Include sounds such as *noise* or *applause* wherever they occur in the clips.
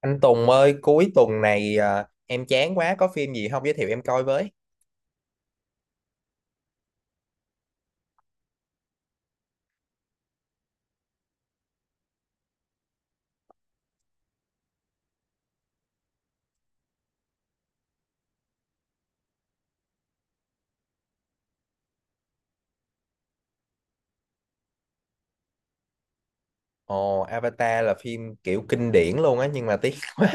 Anh Tùng ơi, cuối tuần này à, em chán quá, có phim gì không giới thiệu em coi với? Ồ, Avatar là phim kiểu kinh điển luôn á, nhưng mà tiếc *laughs* quá.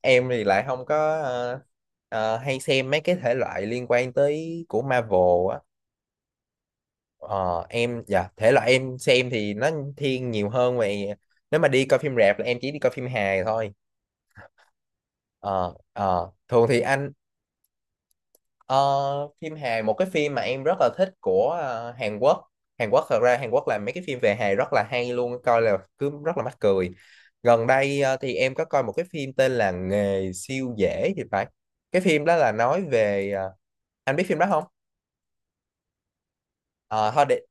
Em thì lại không có hay xem mấy cái thể loại liên quan tới của Marvel á. Ờ, em, dạ, thể loại em xem thì nó thiên nhiều hơn về... Nếu mà đi coi phim rạp là em chỉ đi coi phim hài thôi. Ờ, thường thì anh Ờ, phim hài một cái phim mà em rất là thích của Hàn Quốc. Hàn Quốc thật ra Hàn Quốc làm mấy cái phim về hài rất là hay luôn, coi là cứ rất là mắc cười. Gần đây thì em có coi một cái phim tên là Nghề siêu dễ thì phải. Cái phim đó là nói về anh biết phim đó không? Ờ, thôi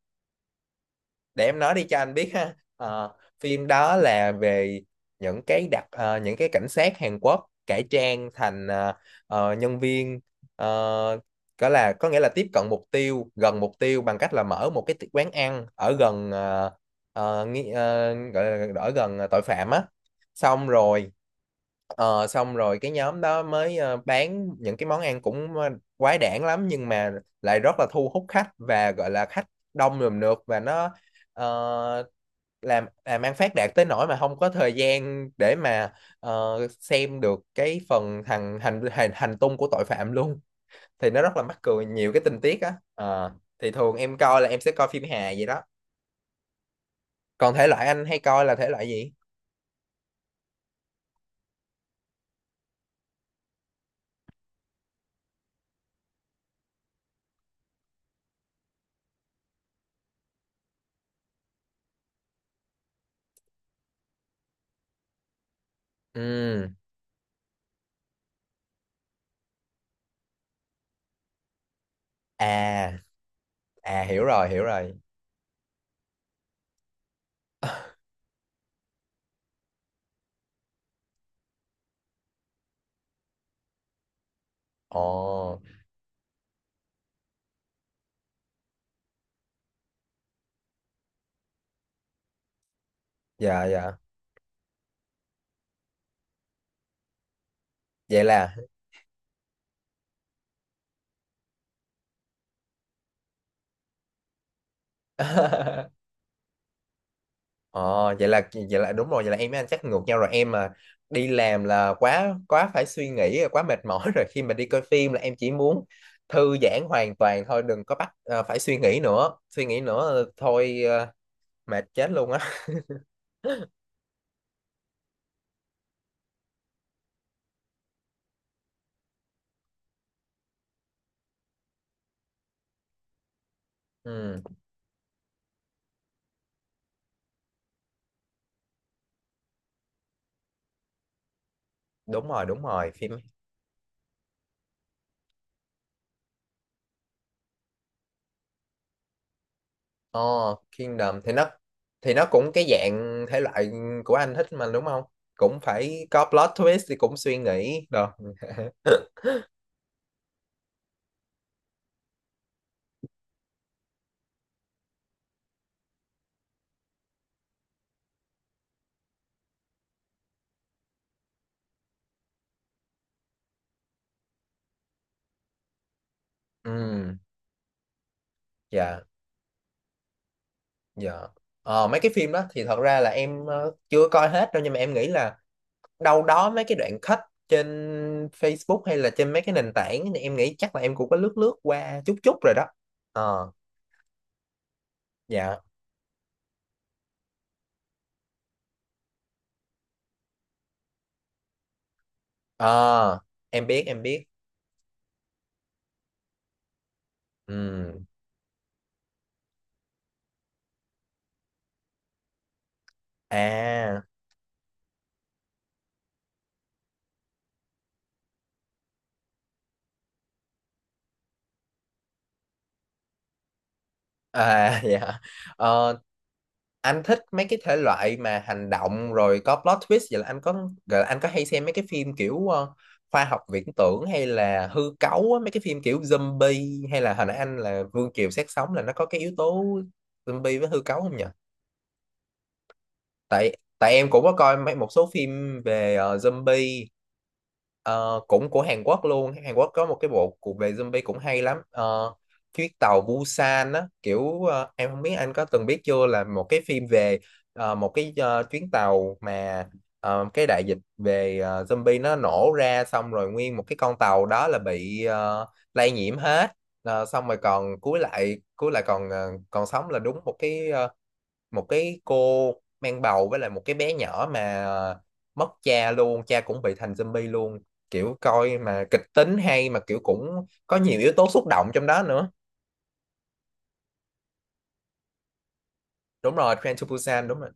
để em nói đi cho anh biết ha. Ờ, phim đó là về những cái những cái cảnh sát Hàn Quốc cải trang thành nhân viên, ờ, có là có nghĩa là tiếp cận mục tiêu, gần mục tiêu bằng cách là mở một cái quán ăn ở gần gọi là ở gần tội phạm á, xong rồi. Ờ, xong rồi cái nhóm đó mới bán những cái món ăn cũng quái đản lắm, nhưng mà lại rất là thu hút khách, và gọi là khách đông rườm rượp, và nó ờ, làm ăn phát đạt tới nỗi mà không có thời gian để mà xem được cái phần thằng hành hành hành tung của tội phạm luôn. Thì nó rất là mắc cười, nhiều cái tình tiết á. Ờ, thì thường em coi là em sẽ coi phim hài vậy đó. Còn thể loại anh hay coi là thể loại gì? Ừ. À. À, hiểu rồi, hiểu rồi. Ồ. Dạ, dạ. Vậy là *laughs* ờ, vậy là đúng rồi, vậy là em với anh chắc ngược nhau rồi. Em mà đi làm là quá quá phải suy nghĩ, quá mệt mỏi *laughs* rồi, khi mà đi coi phim là em chỉ muốn thư giãn hoàn toàn thôi, đừng có bắt phải suy nghĩ nữa, suy nghĩ nữa, mệt chết luôn á. Ừ, đúng rồi, đúng rồi phim ờ Kingdom thì nó cũng cái dạng thể loại của anh thích mà đúng không, cũng phải có plot twist thì cũng suy nghĩ rồi. *laughs* Ừ. Dạ. Dạ. Ờ, mấy cái phim đó thì thật ra là em chưa coi hết đâu, nhưng mà em nghĩ là đâu đó mấy cái đoạn cut trên Facebook hay là trên mấy cái nền tảng thì em nghĩ chắc là em cũng có lướt lướt qua chút chút rồi đó. Ờ, dạ. Ờ, em biết em biết. Ừ. À, à, *laughs* dạ. Ờ, anh thích mấy cái thể loại mà hành động rồi có plot twist, vậy là anh có gọi là anh có hay xem mấy cái phim kiểu khoa học viễn tưởng hay là hư cấu á, mấy cái phim kiểu zombie, hay là hồi nãy anh là Vương Kiều Xác Sống là nó có cái yếu tố zombie với hư cấu không nhỉ? Tại tại em cũng có coi mấy một số phim về zombie. Ờ, cũng của Hàn Quốc luôn, Hàn Quốc có một cái bộ cuộc về zombie cũng hay lắm. Ờ, chuyến tàu Busan á, kiểu em không biết anh có từng biết chưa, là một cái phim về một cái chuyến tàu mà cái đại dịch về zombie nó nổ ra, xong rồi nguyên một cái con tàu đó là bị lây nhiễm hết. Ờ, xong rồi còn cuối lại còn còn sống là đúng một cái một cái cô mang bầu với lại một cái bé nhỏ mà mất cha luôn, cha cũng bị thành zombie luôn. Kiểu coi mà kịch tính hay, mà kiểu cũng có nhiều yếu tố xúc động trong đó nữa. Đúng rồi, Train to Busan, đúng rồi.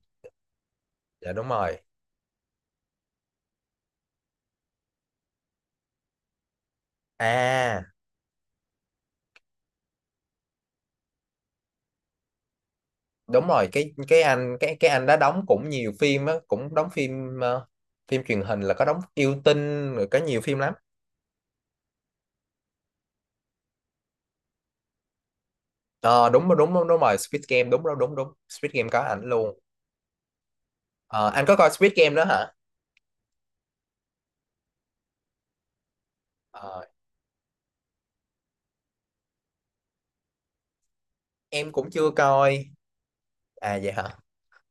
Dạ đúng rồi. À đúng rồi, cái anh đã đóng cũng nhiều phim á, cũng đóng phim phim truyền hình là có đóng yêu tinh rồi, có nhiều phim lắm. Ờ, đúng đúng đúng, đúng rồi Squid Game, đúng đúng đúng đúng, Squid Game có ảnh luôn. Ờ, anh có coi Squid Game đó hả? Ờ, em cũng chưa coi. À vậy hả,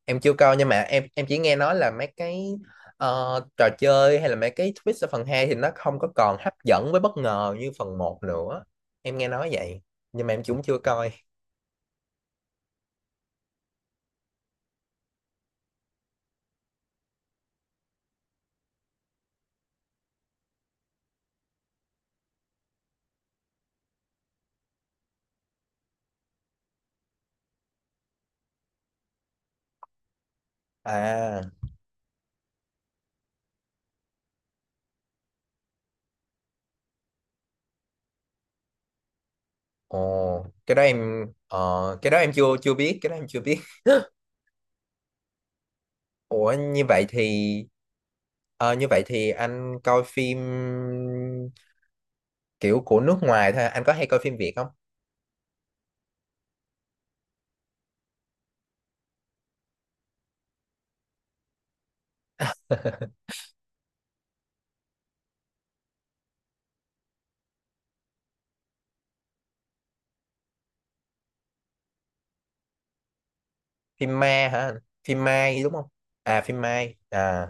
em chưa coi, nhưng mà em chỉ nghe nói là mấy cái ờ, trò chơi hay là mấy cái twist ở phần 2 thì nó không có còn hấp dẫn với bất ngờ như phần một nữa, em nghe nói vậy, nhưng mà em cũng chưa coi. À. Ồ, cái đó em cái đó em chưa chưa biết, cái đó em chưa biết. Ủa như vậy thì như vậy thì anh coi phim kiểu của nước ngoài thôi, anh có hay coi phim Việt không? *laughs* Phim ma hả anh? Phim Mai đúng không? À, phim Mai à.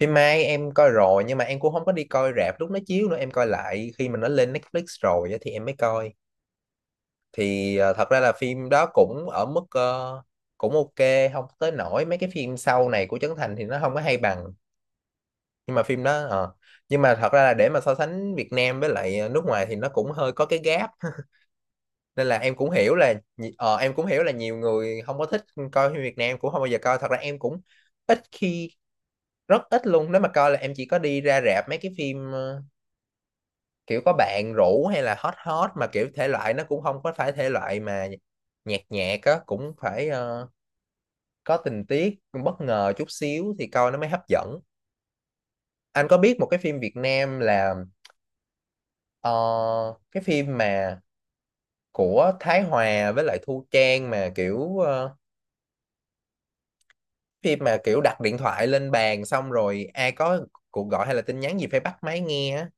Phim Mai em coi rồi, nhưng mà em cũng không có đi coi rạp lúc nó chiếu nữa, em coi lại khi mà nó lên Netflix rồi á, thì em mới coi. Thì thật ra là phim đó cũng ở mức cũng ok, không tới nổi, mấy cái phim sau này của Trấn Thành thì nó không có hay bằng. Nhưng mà phim đó ờ. Nhưng mà thật ra là để mà so sánh Việt Nam với lại nước ngoài thì nó cũng hơi có cái gap *laughs* nên là em cũng hiểu là em cũng hiểu là nhiều người không có thích coi phim Việt Nam. Em cũng không bao giờ coi, thật ra em cũng ít khi, rất ít luôn. Nếu mà coi là em chỉ có đi ra rạp mấy cái phim kiểu có bạn rủ, hay là hot hot, mà kiểu thể loại nó cũng không có phải thể loại mà nhạt nhạt á, cũng phải có tình tiết bất ngờ chút xíu thì coi nó mới hấp dẫn. Anh có biết một cái phim Việt Nam là ờ, cái phim mà của Thái Hòa với lại Thu Trang mà kiểu phim mà kiểu đặt điện thoại lên bàn, xong rồi ai có cuộc gọi hay là tin nhắn gì phải bắt máy nghe á.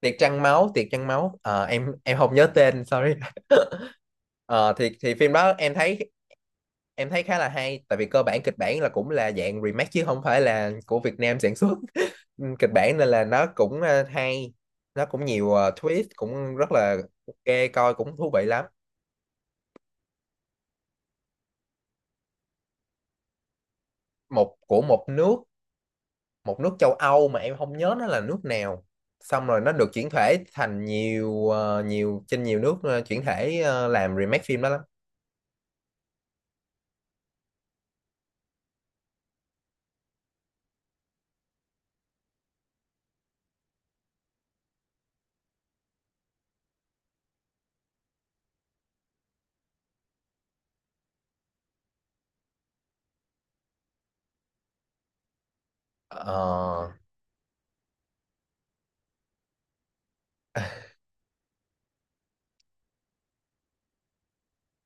Tiệc trăng máu, tiệc trăng máu. Ờ, em không nhớ tên, sorry. *laughs* Ờ, thì phim đó em thấy khá là hay, tại vì cơ bản kịch bản là cũng là dạng remake chứ không phải là của Việt Nam sản xuất *laughs* kịch bản, nên là nó cũng hay, nó cũng nhiều twist, cũng rất là ok, coi cũng thú vị lắm. Một nước, một nước châu Âu mà em không nhớ nó là nước nào, xong rồi nó được chuyển thể thành nhiều nhiều trên nhiều nước, chuyển thể làm remake phim đó lắm. Ờ,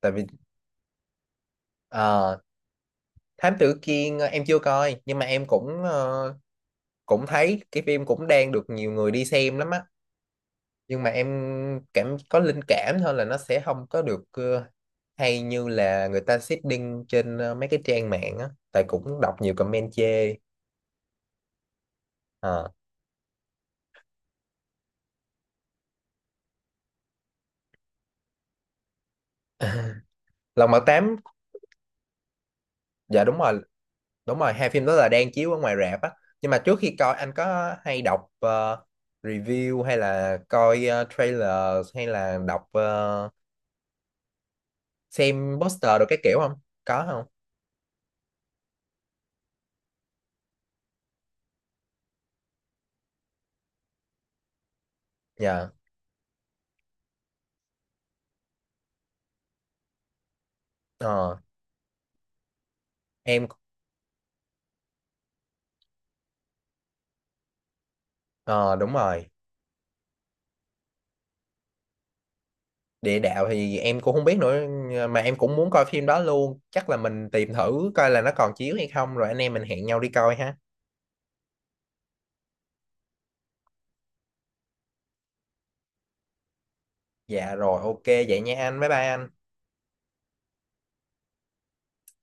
tại vì ờ, Thám Tử Kiên, em chưa coi, nhưng mà em cũng cũng thấy cái phim cũng đang được nhiều người đi xem lắm á, nhưng mà em cảm có linh cảm thôi là nó sẽ không có được hay như là người ta seeding trên mấy cái trang mạng á, tại cũng đọc nhiều comment chê. Ờ. *laughs* Lòng Mật Tám. Dạ đúng rồi, đúng rồi, hai phim đó là đang chiếu ở ngoài rạp á. Nhưng mà trước khi coi anh có hay đọc review, hay là coi trailer, hay là đọc xem poster đồ cái kiểu không? Có không? Dạ. Ờ, em ờ, đúng rồi. Địa đạo thì em cũng không biết nữa, mà em cũng muốn coi phim đó luôn, chắc là mình tìm thử coi là nó còn chiếu hay không rồi anh em mình hẹn nhau đi coi ha. Dạ rồi, ok vậy nha anh, bye bye anh.